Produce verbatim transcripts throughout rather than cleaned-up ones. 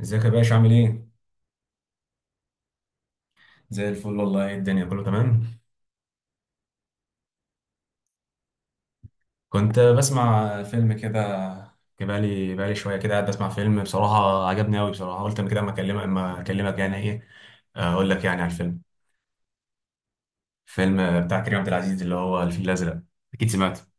ازيك يا باشا؟ عامل ايه؟ زي الفل والله، الدنيا كله تمام. كنت بسمع فيلم كده. بقالي بقالي شويه كده قاعد بسمع فيلم، بصراحه عجبني قوي بصراحه. قلت اما كده اما اكلمك اما اكلمك يعني، ايه اقول لك يعني على الفيلم. فيلم بتاع كريم عبد العزيز، اللي هو الفيل الازرق. اكيد سمعته.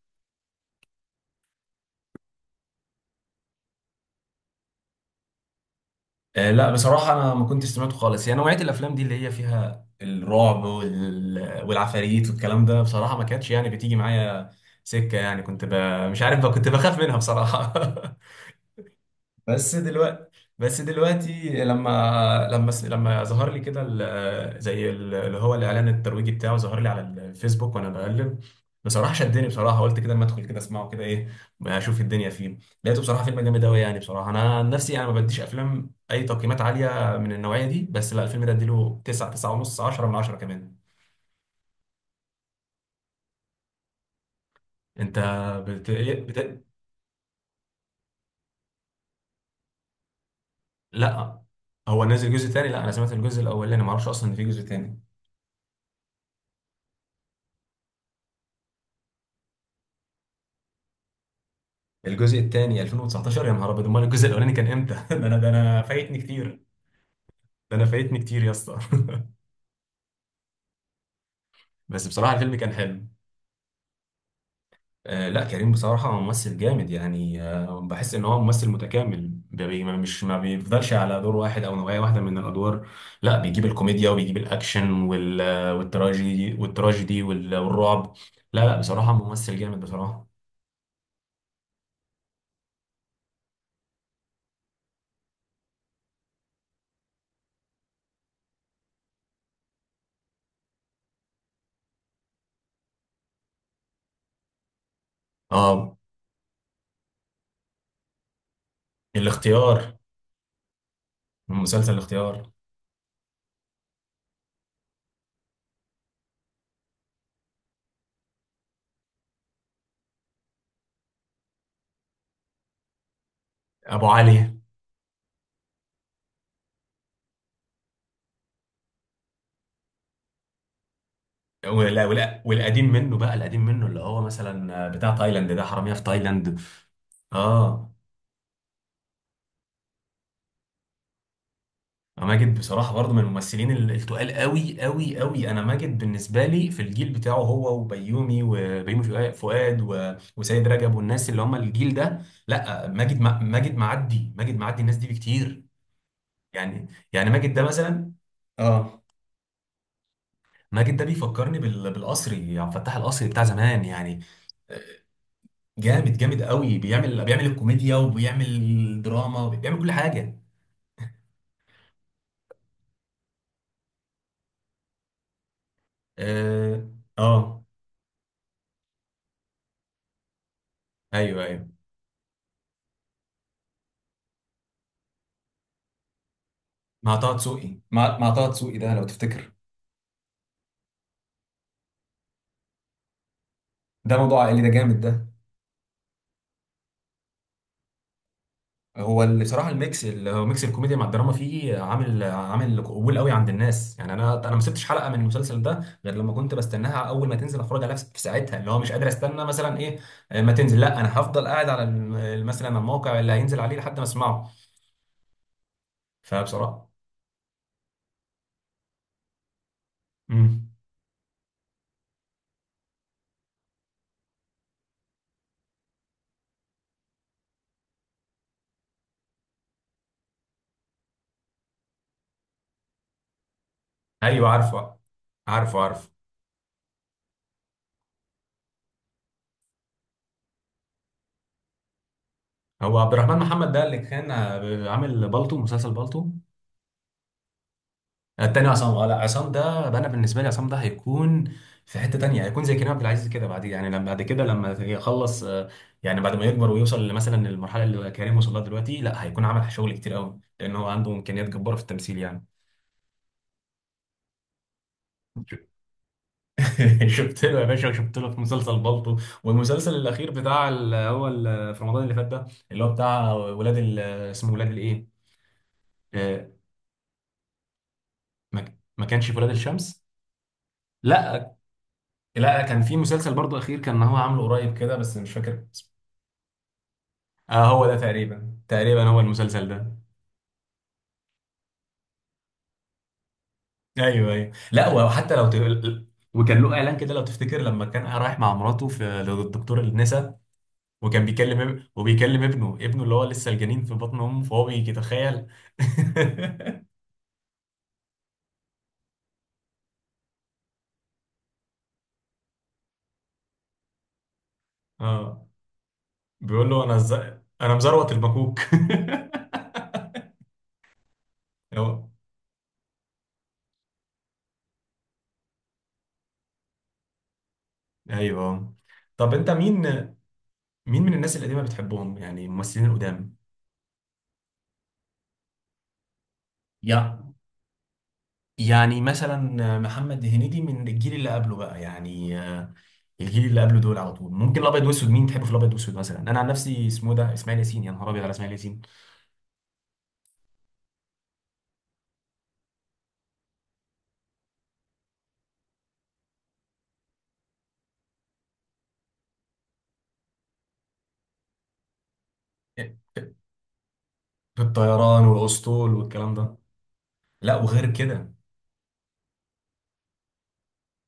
آه لا بصراحه انا ما كنتش سمعته خالص. يعني نوعيه الافلام دي اللي هي فيها الرعب وال... والعفاريت والكلام ده، بصراحه ما كانتش يعني بتيجي معايا سكه. يعني كنت ب... مش عارف بقى، كنت بخاف منها بصراحه. بس دلوقتي بس دلوقتي لما لما لما ظهر لي كده ال- زي ال- اللي هو الاعلان الترويجي بتاعه، ظهر لي على الفيسبوك وانا بقلب. بصراحه شدني بصراحه، قلت كده ما ادخل كده اسمعه كده، ايه اشوف الدنيا فيه. لقيته بصراحه فيلم جامد قوي يعني. بصراحه انا عن نفسي انا ما بديش افلام اي تقييمات عاليه من النوعيه دي، بس لا الفيلم ده اديله تسعة، تسعة ونص، عشرة من عشرة كمان. انت بت... بت... لا هو نزل جزء تاني؟ لا انا سمعت الجزء الاولاني، ما اعرفش اصلا ان في جزء تاني. الجزء الثاني ألفين وتسعتاشر؟ يا نهار ابيض، امال الجزء الاولاني كان امتى؟ ده انا ده انا فايتني كتير. ده انا فايتني كتير يا اسطى. بس بصراحه الفيلم كان حلو. آه لا كريم بصراحه ممثل جامد يعني. آه بحس ان هو ممثل متكامل، بي ما مش ما بيفضلش على دور واحد او نوعيه واحده من الادوار. لا بيجيب الكوميديا، وبيجيب الاكشن، وال والتراجيدي والتراجيدي وال- والرعب. لا لا بصراحه ممثل جامد بصراحه. اه الاختيار، مسلسل الاختيار. ابو علي. ولا ولا والقديم منه بقى، القديم منه اللي هو مثلا بتاع تايلاند ده، حرامية في تايلاند. اه، ماجد بصراحة برضه من الممثلين ال- التقال قوي قوي قوي. انا ماجد بالنسبة لي في الجيل بتاعه هو وبيومي وبيومي فؤا- فؤاد و- وسيد رجب والناس اللي هم الجيل ده. لا ماجد ما- ماجد معدي ماجد معدي الناس دي بكتير يعني. يعني ماجد ده مثلا، اه، ماجد ده بيفكرني بال- بالقصري، عبد الفتاح القصري بتاع زمان يعني. جامد جامد قوي، بيعمل بيعمل الكوميديا، وبيعمل الدراما، وبيعمل كل حاجه. اه، اه، ايوه ايوه، مع طه دسوقي، مع مع طه دسوقي ده لو تفتكر. ده موضوع عائلي ده، جامد ده. هو اللي بصراحه الميكس، اللي هو ميكس الكوميديا مع الدراما، فيه عامل عامل قبول قوي عند الناس يعني. انا انا ما سبتش حلقه من المسلسل ده غير لما كنت بستناها اول ما تنزل اتفرج عليها في ساعتها، اللي هو مش قادر استنى مثلا، ايه آه، ما تنزل. لا انا هفضل قاعد على الم- مثلا الموقع اللي هينزل عليه لحد ما اسمعه. فبصراحه، امم ايوه عارفه، عارفه عارفه. هو عبد الرحمن محمد ده اللي كان آه، عامل بالطو، مسلسل بالطو. آه، التاني عصام، اه لا عصام ده بقى، انا بالنسبه لي عصام ده هيكون في حته تانيه، هيكون زي كريم عبد العزيز كده بعد يعني، لما بعد كده لما يخلص آه، يعني بعد ما يكبر ويوصل مثلا للمرحله اللي كريم وصل لها دلوقتي، لا هيكون عمل شغل كتير قوي لان هو عنده امكانيات جباره في التمثيل يعني. شفت له يا باشا، شفت له في مسلسل بالطو، والمسلسل الاخير بتاع ال- هو ال- في رمضان اللي فات ده، اللي هو بتاع ولاد ال- اسمه ولاد الايه؟ آه، ما ما كانش في ولاد الشمس. لا لا كان في مسلسل برضو اخير كان هو عامله قريب كده، بس مش فاكر اسمه. اه هو ده تقريبا، تقريبا هو المسلسل ده. ايوه ايوه، لا وحتى لو ت... وكان له اعلان كده لو تفتكر، لما كان رايح مع مراته في للدكتور النسا، وكان بيكلم اب- وبيكلم ابنه، ابنه اللي هو لسه الجنين في بطن امه، فهو بيتخيل. اه بيقول له انا ز... انا مزروت المكوك. أو- ايوه. طب انت مين، مين من الناس القديمة بتحبهم يعني، الممثلين القدام؟ يا يعني مثلا محمد هنيدي من الجيل اللي قبله بقى يعني آه، الجيل اللي قبله دول على طول. ممكن الابيض واسود، مين تحبه في الابيض واسود؟ مثلا انا عن نفسي اسمه ده اسماعيل ياسين، يا نهار ابيض على اسماعيل ياسين. في الطيران والاسطول والكلام ده. لا وغير كده،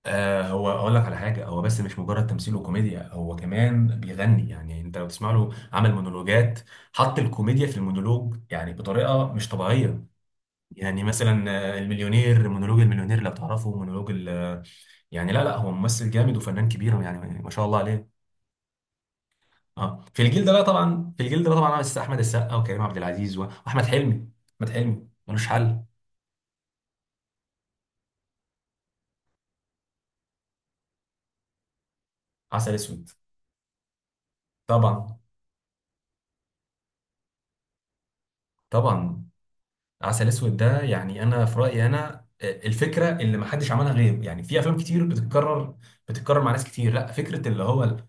آه هو اقول لك على حاجه، هو بس مش مجرد تمثيل وكوميديا، هو كمان بيغني. يعني انت لو تسمع له، عمل مونولوجات حط الكوميديا في المونولوج يعني بطريقه مش طبيعيه. يعني مثلا آه، المليونير، مونولوج المليونير لو تعرفه، مونولوج ال آه، يعني لا لا، هو ممثل جامد وفنان كبير يعني، ما شاء الله عليه. اه في الجيل ده، لا طبعا في الجيل ده طبعا عمل احمد السقا وكريم عبد العزيز و- واحمد حلمي. احمد حلمي ملوش حل. عسل اسود. طبعا. طبعا عسل اسود ده يعني انا في رايي انا آه، الفكره اللي ما حدش عملها غيره، يعني في افلام كتير بتتكرر، بتتكرر مع ناس كتير، لا فكره اللي هو ال-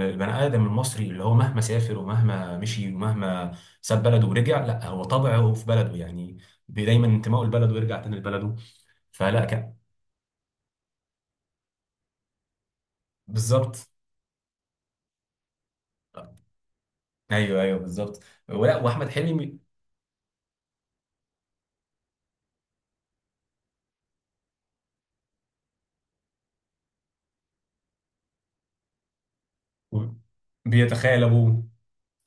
البني ادم المصري اللي هو مهما سافر ومهما مشي، ومهما ساب بلده ورجع، لا هو طبعه في بلده يعني. بي- دايما انتمائه لبلده، ويرجع تاني لبلده. فلا كان، بالظبط. ايوه ايوه بالظبط. ولا، واحمد حلمي بيتخيل ابوه،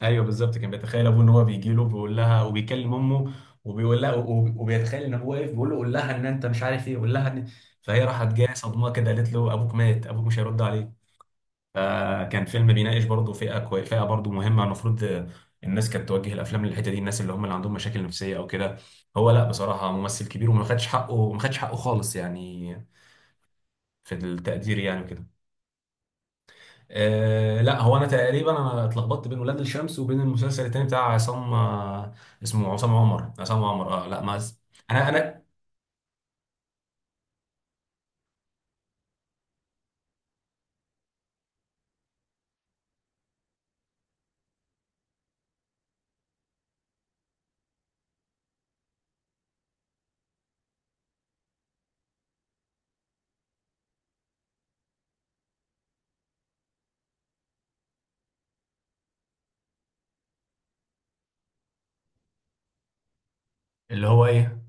ايوه بالظبط كان بيتخيل ابوه، ان هو بيجي له بيقول لها، وبيكلم امه، وبيقول لها، وب- وبيتخيل ان ابوه واقف بيقول له قول لها ان انت مش عارف ايه، قول لها ان. فهي راحت جايه صدمه كده، قالت له ابوك مات، ابوك مش هيرد عليك. فكان فيلم بيناقش برضه فئه كوي... فئه برضه مهمه، المفروض الناس كانت توجه الافلام للحته دي، الناس اللي هم اللي عندهم مشاكل نفسيه او كده. هو لا بصراحه ممثل كبير، وما خدش حقه، ما خدش حقه خالص يعني في التقدير يعني وكده. آه لا هو انا تقريبا، انا اتلخبطت بين ولاد الشمس وبين المسلسل التاني بتاع عصام، آه اسمه عصام عمر، عصام عمر، اه لا ما اس- انا انا. اللي هو ايه؟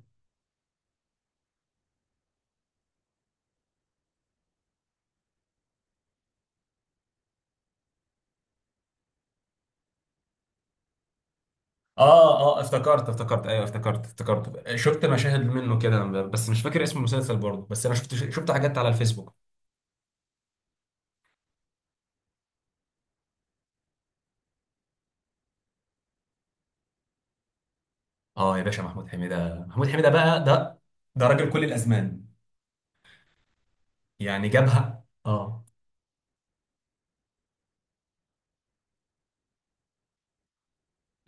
اه اه افتكرت افتكرت، ايوه افتكرت افتكرت، شفت مشاهد منه كده بس مش فاكر اسم المسلسل برضه، بس انا شفت، شفت حاجات على الفيسبوك. اه يا باشا، محمود حميدة، محمود حميدة بقى ده، ده راجل كل الازمان يعني، جابها. اه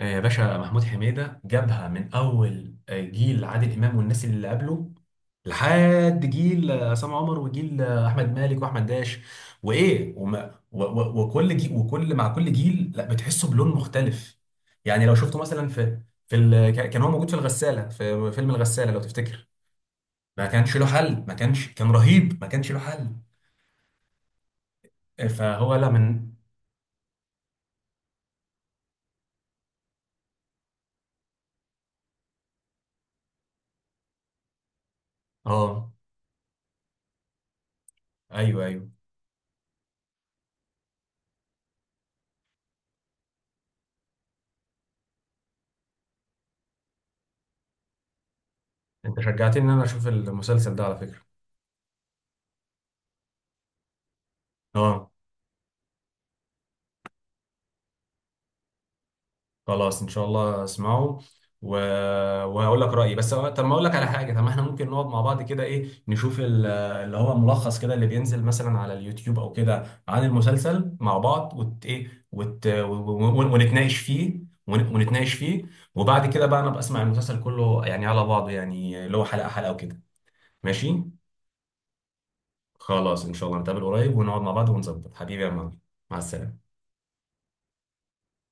آه، يا باشا محمود حميدة جابها من أول آه، جيل عادل إمام والناس اللي قبله، لحد جيل آه، عصام عمر، وجيل آه، أحمد مالك، وأحمد داش، وإيه، وما و و وكل جيل وكل مع كل جيل، لا بتحسه بلون مختلف. يعني لو شفته مثلا في في ال... كان كان هو موجود في الغسالة، في فيلم الغسالة لو تفتكر، ما كانش له حل، ما كانش، كان رهيب، ما كانش له حل. آه، فهو لا من، آه أيوه أيوه. أنت شجعتني إن أنا أشوف المسلسل ده على فكرة. آه خلاص ان شاء الله اسمعه و... وهقول لك رايي. بس أنا- طب ما اقول لك على حاجه، طب ما احنا ممكن نقعد مع بعض كده، ايه نشوف ال- اللي هو ملخص كده، اللي بينزل مثلا على اليوتيوب او كده عن المسلسل مع بعض، وت... ايه وت... و- و- ونتناقش فيه، ون... ونتناقش فيه، وبعد كده بقى انا بسمع المسلسل كله يعني على بعضه، يعني اللي هو حلقه حلقه وكده. ماشي. خلاص ان شاء الله نتقابل قريب ونقعد مع بعض ونظبط حبيبي، يا معلم. مع السلامه.